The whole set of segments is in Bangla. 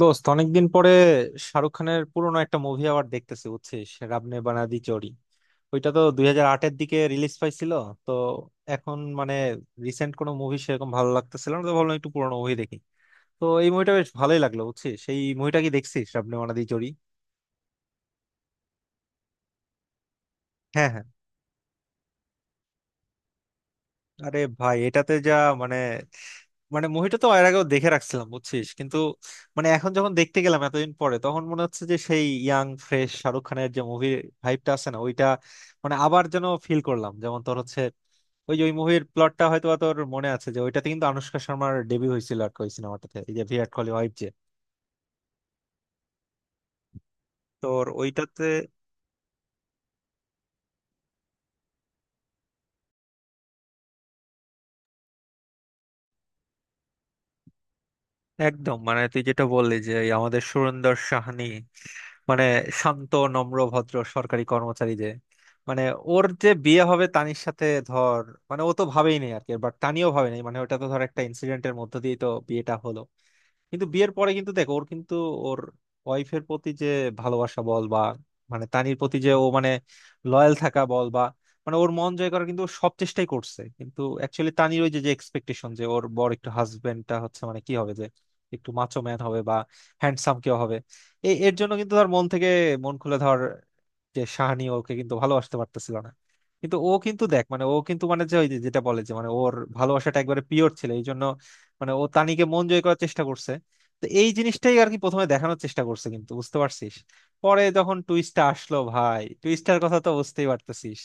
দোস্ত, অনেকদিন পরে শাহরুখ খানের পুরোনো একটা মুভি আবার দেখতেছি, বুঝছিস? রাবনে বানাদি জোড়ি। ওইটা তো 2008-এর দিকে রিলিজ পাইছিল। তো এখন মানে রিসেন্ট কোনো মুভি সেরকম ভালো লাগতেছিল না, তো ভাবলাম একটু পুরোনো মুভি দেখি। তো এই মুভিটা বেশ ভালোই লাগলো, বুঝছিস। সেই মুভিটা কি দেখছিস? রাবনে বানাদি জোড়ি। হ্যাঁ, হ্যাঁ। আরে ভাই, এটাতে যা মানে, মানে মুভিটা তো এর আগেও দেখে রাখছিলাম, বুঝছিস, কিন্তু মানে এখন যখন দেখতে গেলাম এতদিন পরে, তখন মনে হচ্ছে যে সেই ইয়াং ফ্রেশ শাহরুখ খানের যে মুভির ভাইবটা আছে না ওইটা, মানে আবার যেন ফিল করলাম, যেমন তোর হচ্ছে। ওই যে ওই মুভির প্লটটা হয়তো বা তোর মনে আছে, যে ওইটাতে কিন্তু আনুষ্কা শর্মার ডেবিউ হয়েছিল আর কি, ওই সিনেমাটাতে, এই যে ভিরাট কোহলি ওয়াইফ, যে তোর ওইটাতে। একদম মানে তুই যেটা বললি যে এই আমাদের সুরেন্দর সাহানি, মানে শান্ত নম্র ভদ্র সরকারি কর্মচারী, যে মানে ওর যে বিয়ে হবে তানির সাথে ধর, মানে ও তো ভাবেই নেই আর কি, বাট তানিও ভাবে নাই, মানে ওটা তো ধর একটা ইনসিডেন্টের মধ্য দিয়ে তো বিয়েটা হলো। কিন্তু বিয়ের পরে কিন্তু দেখো ওর কিন্তু ওর ওয়াইফের প্রতি যে ভালোবাসা বল বা মানে তানির প্রতি যে ও মানে লয়াল থাকা বল বা মানে ওর মন জয় করার কিন্তু ও সব চেষ্টাই করছে। কিন্তু অ্যাকচুয়ালি তানির ওই যে যে এক্সপেকটেশন যে ওর বর একটু হাজবেন্ডটা হচ্ছে মানে কি হবে, যে একটু মাচো ম্যান হবে বা হ্যান্ডসাম কেউ হবে, এই এর জন্য কিন্তু তার মন থেকে মন খুলে ধর যে শাহানি ওকে কিন্তু ভালোবাসতে পারতেছিল না। কিন্তু ও কিন্তু দেখ মানে ও কিন্তু মানে যে ওই যে যেটা বলে যে মানে ওর ভালোবাসাটা একবারে পিওর ছিল, এই জন্য মানে ও তানিকে মন জয় করার চেষ্টা করছে। তো এই জিনিসটাই আর কি প্রথমে দেখানোর চেষ্টা করছে, কিন্তু বুঝতে পারছিস পরে যখন টুইস্টটা আসলো, ভাই, টুইস্টার কথা তো বুঝতেই পারতেছিস।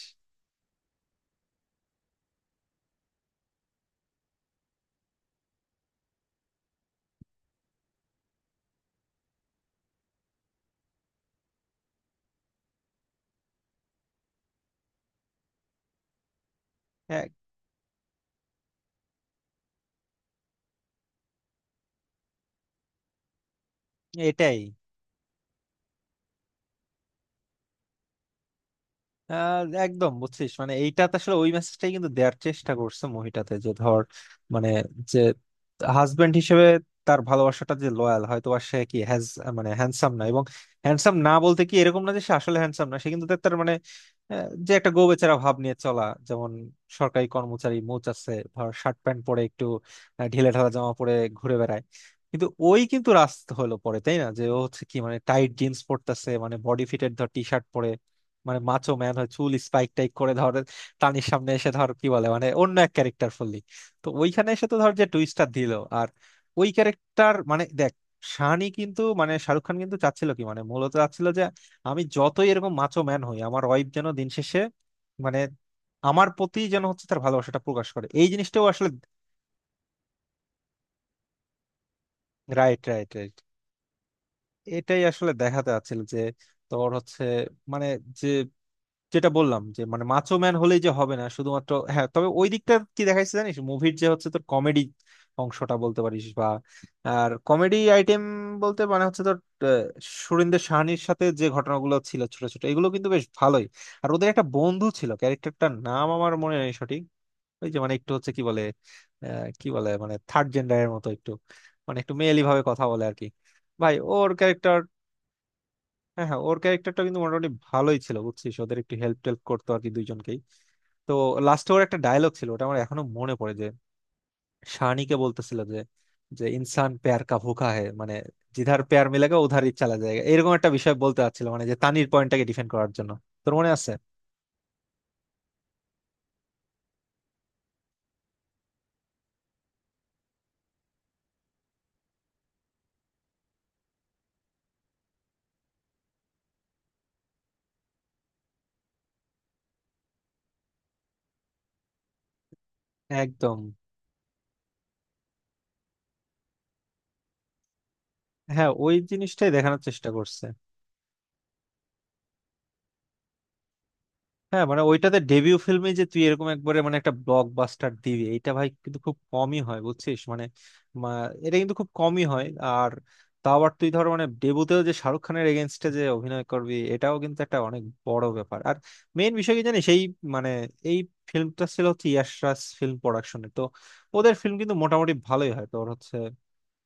হ্যাঁ, এটাই। আহ একদম, বুঝছিস, মানে এইটাতে আসলে ওই মেসেজটাই কিন্তু দেওয়ার চেষ্টা করছে মুভিটাতে, যে ধর মানে যে হাজবেন্ড হিসেবে তার ভালোবাসাটা যে লয়াল হয়তো বা সে কি হ্যাজ, মানে হ্যান্ডসাম না, এবং হ্যান্ডসাম না বলতে কি এরকম না যে সে আসলে হ্যান্ডসাম না, সে কিন্তু তার তার মানে আহ, যে একটা গো বেচারা ভাব নিয়ে চলা, যেমন সরকারি কর্মচারী, মোচ আছে ধর, শার্ট প্যান্ট পরে একটু ঢিলে ঢালা জামা পরে ঘুরে বেড়ায়। কিন্তু ওই কিন্তু রাস্তা হলো পরে তাই না, যে ও হচ্ছে কি মানে টাইট জিন্স পরতেছে, মানে বডি ফিটের ধর টি শার্ট পরে, মানে মাচো ম্যান হয়, চুল স্পাইক টাইক করে ধর তানির সামনে এসে ধর কি বলে মানে অন্য এক ক্যারেক্টার ফুললি। তো ওইখানে এসে তো ধর যে টুইস্টটা দিল, আর ওই ক্যারেক্টার মানে দেখ, শানি কিন্তু মানে শাহরুখ খান কিন্তু চাচ্ছিল কি, মানে মূলত চাচ্ছিল যে আমি যতই এরকম মাচো ম্যান হই, আমার ওয়াইফ যেন দিন শেষে মানে আমার প্রতি যেন হচ্ছে তার ভালোবাসাটা প্রকাশ করে, এই জিনিসটাও আসলে। Right, right, right. এটাই আসলে দেখাতে চাচ্ছিল যে তোর হচ্ছে মানে যে যেটা বললাম যে মানে মাচো ম্যান হলেই যে হবে না শুধুমাত্র, হ্যাঁ। তবে ওই দিকটা কি দেখাইছে জানিস মুভির, যে হচ্ছে তোর কমেডি অংশটা বলতে পারিস বা আর কমেডি আইটেম বলতে মানে হচ্ছে তোর আহ, সুরিন্দর সাহানির সাথে যে ঘটনাগুলো ছিল ছোট ছোট, এগুলো কিন্তু বেশ ভালোই। আর ওদের একটা বন্ধু ছিল, ক্যারেক্টারটার নাম আমার মনে নেই সঠিক, ওই যে মানে একটু হচ্ছে কি বলে কি বলে মানে থার্ড জেন্ডারের মতো একটু, মানে একটু মেয়েলি ভাবে কথা বলে আর কি। ভাই ওর ক্যারেক্টার, হ্যাঁ হ্যাঁ, ওর ক্যারেক্টারটা কিন্তু মোটামুটি ভালোই ছিল, বুঝছিস, ওদের একটু হেল্প টেল্প করতো আর কি, দুইজনকেই। তো লাস্টে ওর একটা ডায়লগ ছিল, ওটা আমার এখনো মনে পড়ে, যে শানিকে বলতেছিল যে যে ইনসান প্যার কা ভুকা হে, মানে জিধার প্যার মিলেগা উধার ই চালা যায়গা, এরকম একটা বিষয় বলতে চাচ্ছিল মানে যে তানির পয়েন্টটাকে ডিফেন্ড করার জন্য। তোর মনে আছে? একদম। হ্যাঁ, ওই জিনিসটাই দেখানোর চেষ্টা করছে। হ্যাঁ, মানে ওইটাতে ডেবিউ ফিল্মে যে তুই এরকম একবারে মানে একটা ব্লকবাস্টার দিবি, এটা ভাই কিন্তু খুব কমই হয়, বুঝছিস, মানে মা- এটা কিন্তু খুব কমই হয়। আর তাও আবার তুই ধর মানে ডেবিউতেও যে শাহরুখ খানের এগেনস্টে যে অভিনয় করবি, এটাও কিন্তু একটা অনেক বড় ব্যাপার। আর মেইন বিষয় কি জানিস, এই মানে এই ফিল্মটা ছিল হচ্ছে ইয়াশ রাজ ফিল্ম প্রোডাকশনে। তো ওদের ফিল্ম কিন্তু মোটামুটি ভালোই হয় তোর হচ্ছে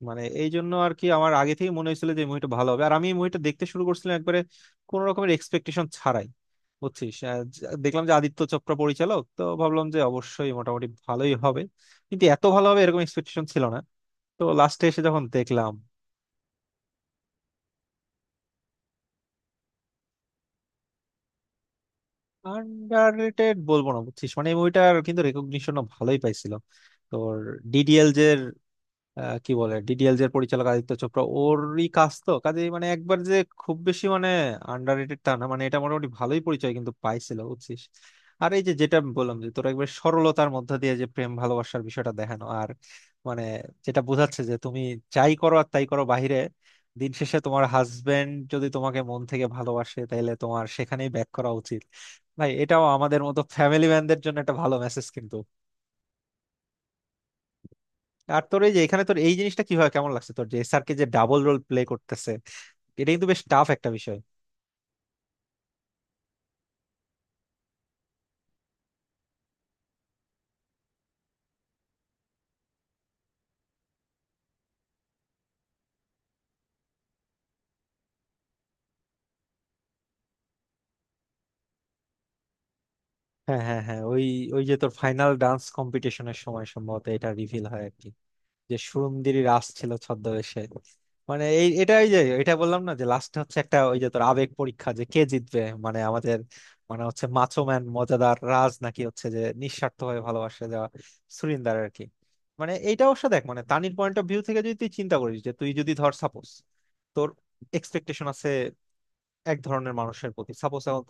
মানে, এই জন্য আর কি আমার আগে থেকে মনে হয়েছিল যে মুভিটা ভালো হবে। আর আমি মুভিটা দেখতে শুরু করছিলাম একবারে কোন রকমের এক্সপেকটেশন ছাড়াই, বুঝছিস। দেখলাম যে আদিত্য চোপড়া পরিচালক, তো ভাবলাম যে অবশ্যই মোটামুটি ভালোই হবে, কিন্তু এত ভালো হবে এরকম এক্সপেকটেশন ছিল না। তো লাস্টে এসে যখন দেখলাম। আন্ডাররেটেড বলবো না, বুঝছিস, মানে এই মুভিটার কিন্তু রেকগনিশনও ভালোই পাইছিল তোর। ডিডিএল যে কি বলে ডিডিএলজ এর পরিচালক আদিত্য চোপড়া, ওরই কাজ তো কাজে মানে একবার যে খুব বেশি মানে আন্ডাররেটেড টা না, মানে এটা মোটামুটি ভালোই পরিচয় কিন্তু পাইছিল, বুঝছিস। আর এই যে যেটা আমি বললাম যে তোর একবার সরলতার মধ্যে দিয়ে যে প্রেম ভালোবাসার বিষয়টা দেখানো, আর মানে যেটা বোঝাচ্ছে যে তুমি যাই করো আর তাই করো বাহিরে, দিন শেষে তোমার হাজবেন্ড যদি তোমাকে মন থেকে ভালোবাসে, তাহলে তোমার সেখানেই ব্যাক করা উচিত। ভাই, এটাও আমাদের মতো ফ্যামিলি ম্যানদের জন্য একটা ভালো মেসেজ কিন্তু। আর তোর এই যে এখানে তোর এই জিনিসটা কিভাবে কেমন লাগছে তোর, যে এসআরকে যে ডাবল রোল প্লে করতেছে, এটা কিন্তু বেশ টাফ একটা বিষয়। হ্যাঁ, হ্যাঁ, হ্যাঁ, ওই ওই যে তোর ফাইনাল ডান্স কম্পিটিশনের সময় সম্ভবত এটা রিভিল হয় আর কি, যে সুরুন্দিরি রাস ছিল ছদ্মবেশে। মানে এই এটা ওই যে এটা বললাম না যে লাস্ট হচ্ছে একটা ওই যে তোর আবেগ পরীক্ষা, যে কে জিতবে মানে আমাদের, মানে হচ্ছে মাচো ম্যান মজাদার রাজ নাকি হচ্ছে যে নিঃস্বার্থ ভাবে ভালোবাসা দেওয়া সুরিন্দার আর কি। মানে এইটা অবশ্য দেখ মানে তানির পয়েন্ট অফ ভিউ থেকে যদি তুই চিন্তা করিস, যে তুই যদি ধর সাপোজ তোর এক্সপেকটেশন আছে এক ধরনের মানুষের প্রতি, সাপোজ এখন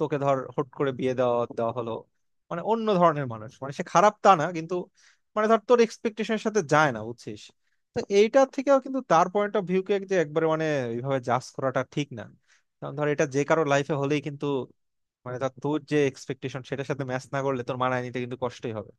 তোকে ধর হুট করে বিয়ে দেওয়া দেওয়া হলো মানে অন্য ধরনের মানুষ, মানে সে খারাপ তা না, কিন্তু মানে ধর তোর এক্সপেকটেশনের সাথে যায় না, বুঝছিস। তো এইটা থেকেও কিন্তু তার পয়েন্ট অফ ভিউকে যে একবারে মানে এইভাবে জাজ করাটা ঠিক না, কারণ ধর এটা যে কারো লাইফে হলেই কিন্তু মানে ধর তোর যে এক্সপেকটেশন সেটার সাথে ম্যাচ না করলে তোর মানায় নিতে কিন্তু কষ্টই হবে।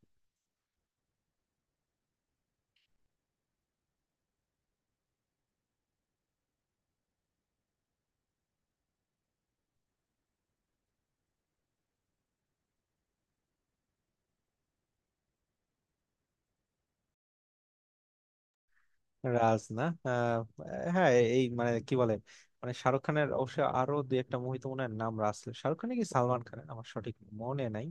রাজ না হ্যাঁ এই মানে কি বলে মানে শাহরুখ খানের অবশ্য আরো দুই একটা মুভি তো মনে হয় নাম রাজ ছিল। শাহরুখ খানের কি সালমান খানের আমার সঠিক মনে নাই।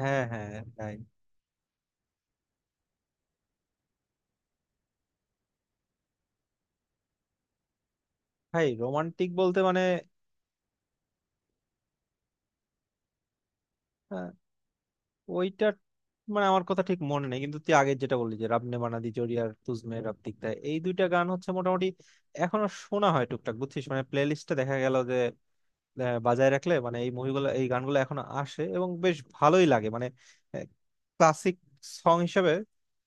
হ্যাঁ, হ্যাঁ, তাই। ভাই, রোমান্টিক বলতে মানে আহ, ওইটা মানে আমার কথা ঠিক মনে নেই, কিন্তু তুই আগে যেটা বললি যে রাবনে বানাদি জোড়ি আর তুজমে রাব দিখতা, এই দুইটা গান হচ্ছে মোটামুটি এখনো শোনা হয় টুকটাক, বুঝছিস, মানে প্লে লিস্টে দেখা গেল যে বাজায় রাখলে মানে এই মুভিগুলো এই গানগুলো এখন আসে এবং বেশ ভালোই লাগে মানে, ক্লাসিক সং হিসেবে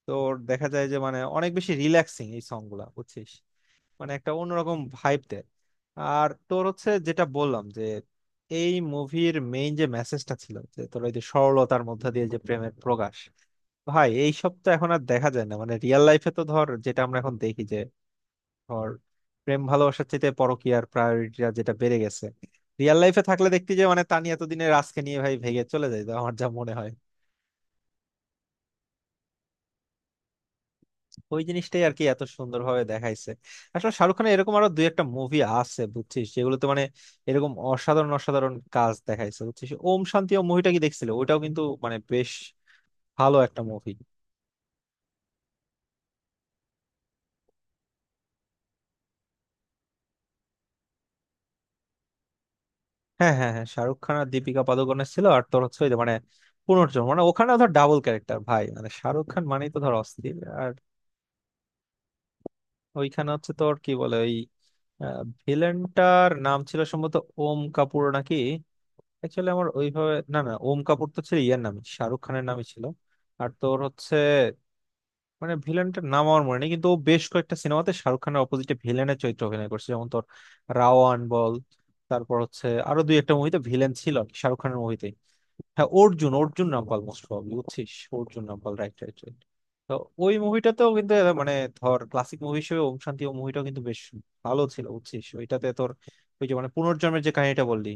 তোর দেখা যায় যে মানে অনেক বেশি রিল্যাক্সিং এই সং গুলা, বুঝছিস, মানে একটা অন্যরকম ভাইব দেয়। আর তোর হচ্ছে যেটা বললাম যে এই মুভির মেইন যে মেসেজটা ছিল, যে তোর ওই যে সরলতার মধ্যে দিয়ে যে প্রেমের প্রকাশ, ভাই, এইসব তো এখন আর দেখা যায় না মানে রিয়েল লাইফে। তো ধর যেটা আমরা এখন দেখি যে ধর প্রেম ভালোবাসার চাইতে পরকীয়ার প্রায়োরিটিটা যেটা বেড়ে গেছে, রিয়েল লাইফে থাকলে দেখতে যে মানে তানি এতদিনে রাজকে নিয়ে ভাই ভেগে চলে যায়, আমার যা মনে হয়। ওই জিনিসটাই আর কি এত সুন্দরভাবে দেখাইছে। আসলে শাহরুখ খানের এরকম আরো দুই একটা মুভি আছে, বুঝছিস, যেগুলোতে মানে এরকম অসাধারণ অসাধারণ কাজ দেখাইছে, বুঝছিস। ওম শান্তি ওম মুভিটা কি দেখছিলে? ওইটাও কিন্তু মানে বেশ ভালো একটা মুভি। হ্যাঁ, হ্যাঁ, হ্যাঁ, শাহরুখ খান আর দীপিকা পাদুকোনের ছিল। আর তোর হচ্ছে ওই যে মানে পুনর্জন্ম মানে ওখানে ধর ডাবল ক্যারেক্টার, ভাই মানে শাহরুখ খান মানেই তো ধর অস্থির। আর ওইখানে হচ্ছে তোর কি বলে ওই ভিলেনটার নাম ছিল সম্ভবত ওম কাপুর নাকি, অ্যাকচুয়ালি আমার ওইভাবে, না না, ওম কাপুর তো ছিল ইয়ার, নামই শাহরুখ খানের নামই ছিল। আর তোর হচ্ছে মানে ভিলেনটার নাম আমার মনে নেই, কিন্তু ও বেশ কয়েকটা সিনেমাতে শাহরুখ খানের অপোজিটে ভিলেনের চরিত্র অভিনয় করছে, যেমন তোর রাওয়ান বল, তারপর হচ্ছে আরো দুই একটা মুভিতে ভিলেন ছিল আর কি, শাহরুখ খানের মুভিতে। হ্যাঁ, অর্জুন অর্জুন রামপাল, মোস্ট প্রবাবলি, বুঝছিস, Arjun Rampal, right, right, right. তো ওই মুভিটাতেও কিন্তু এরা মানে ধর ক্লাসিক মুভি হিসেবে ওম শান্তি ও মুভিটাও কিন্তু বেশ ভালো ছিল, বুঝছিস। ওইটাতে তোর ওই যে মানে পুনর্জন্মের যে কাহিনীটা বললি,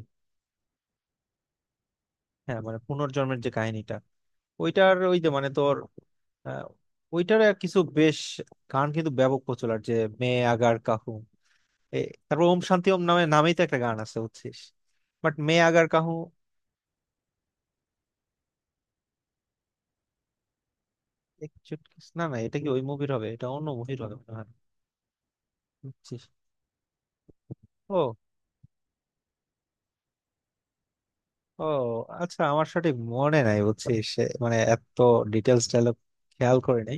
হ্যাঁ মানে পুনর্জন্মের যে কাহিনীটা, ওইটার ওই যে মানে তোর আহ, ওইটার আর কিছু বেশ গান কিন্তু ব্যাপক প্রচলন, যে মে আগার কাহু এ, তারপর ওম শান্তি ওম নামে নামেই তো একটা গান আছে, বুঝছিস, বাট মে আগার কাহু। না না, এটা কি ওই মুভির হবে? এটা অন্য মুভির হবে মনে হয়। বুঝছিস? ও, ও, আচ্ছা আমার সঠিক মনে নাই, বুঝছিস, এ মানে এত ডিটেলস ডায়লগ খেয়াল করে নাই।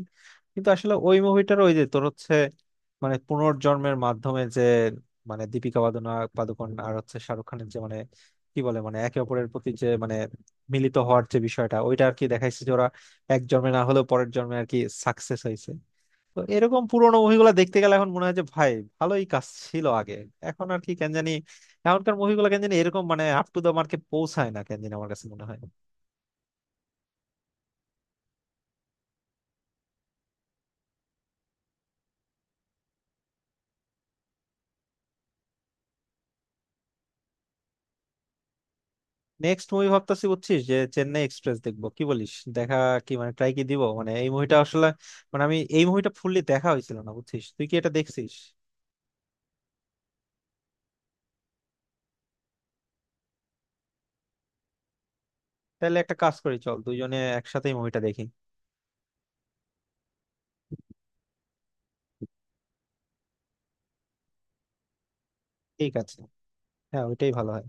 কিন্তু আসলে ওই মুভিটার ওই যে তোর হচ্ছে মানে পুনর্জন্মের মাধ্যমে যে মানে পাদুকোণ আর হচ্ছে শাহরুখ খানের যে মানে কি বলে মানে একে অপরের প্রতি যে মানে মিলিত হওয়ার যে বিষয়টা, ওইটা আর কি দেখাইছে যে ওরা এক জন্মে না হলেও পরের জন্মে আর কি সাকসেস হয়েছে। তো এরকম পুরোনো মুভিগুলো দেখতে গেলে এখন মনে হয় যে, ভাই, ভালোই কাজ ছিল আগে। এখন আর কি কেন জানি, এখনকার মুভিগুলো কেন জানি এরকম মানে আপ টু দা মার্কে পৌঁছায় না, কেন জানি আমার কাছে মনে হয়। নেক্সট মুভি ভাবতেছি, বুঝছিস, যে চেন্নাই এক্সপ্রেস দেখবো, কি বলিস? দেখা কি মানে ট্রাই কি দিব মানে এই মুভিটা আসলে মানে আমি এই মুভিটা ফুললি দেখা হয়েছিল না, বুঝছিস। তুই কি এটা দেখছিস? তাহলে একটা কাজ করি, চল দুইজনে একসাথে মুভিটা দেখি। ঠিক আছে। হ্যাঁ, ওইটাই ভালো হয়।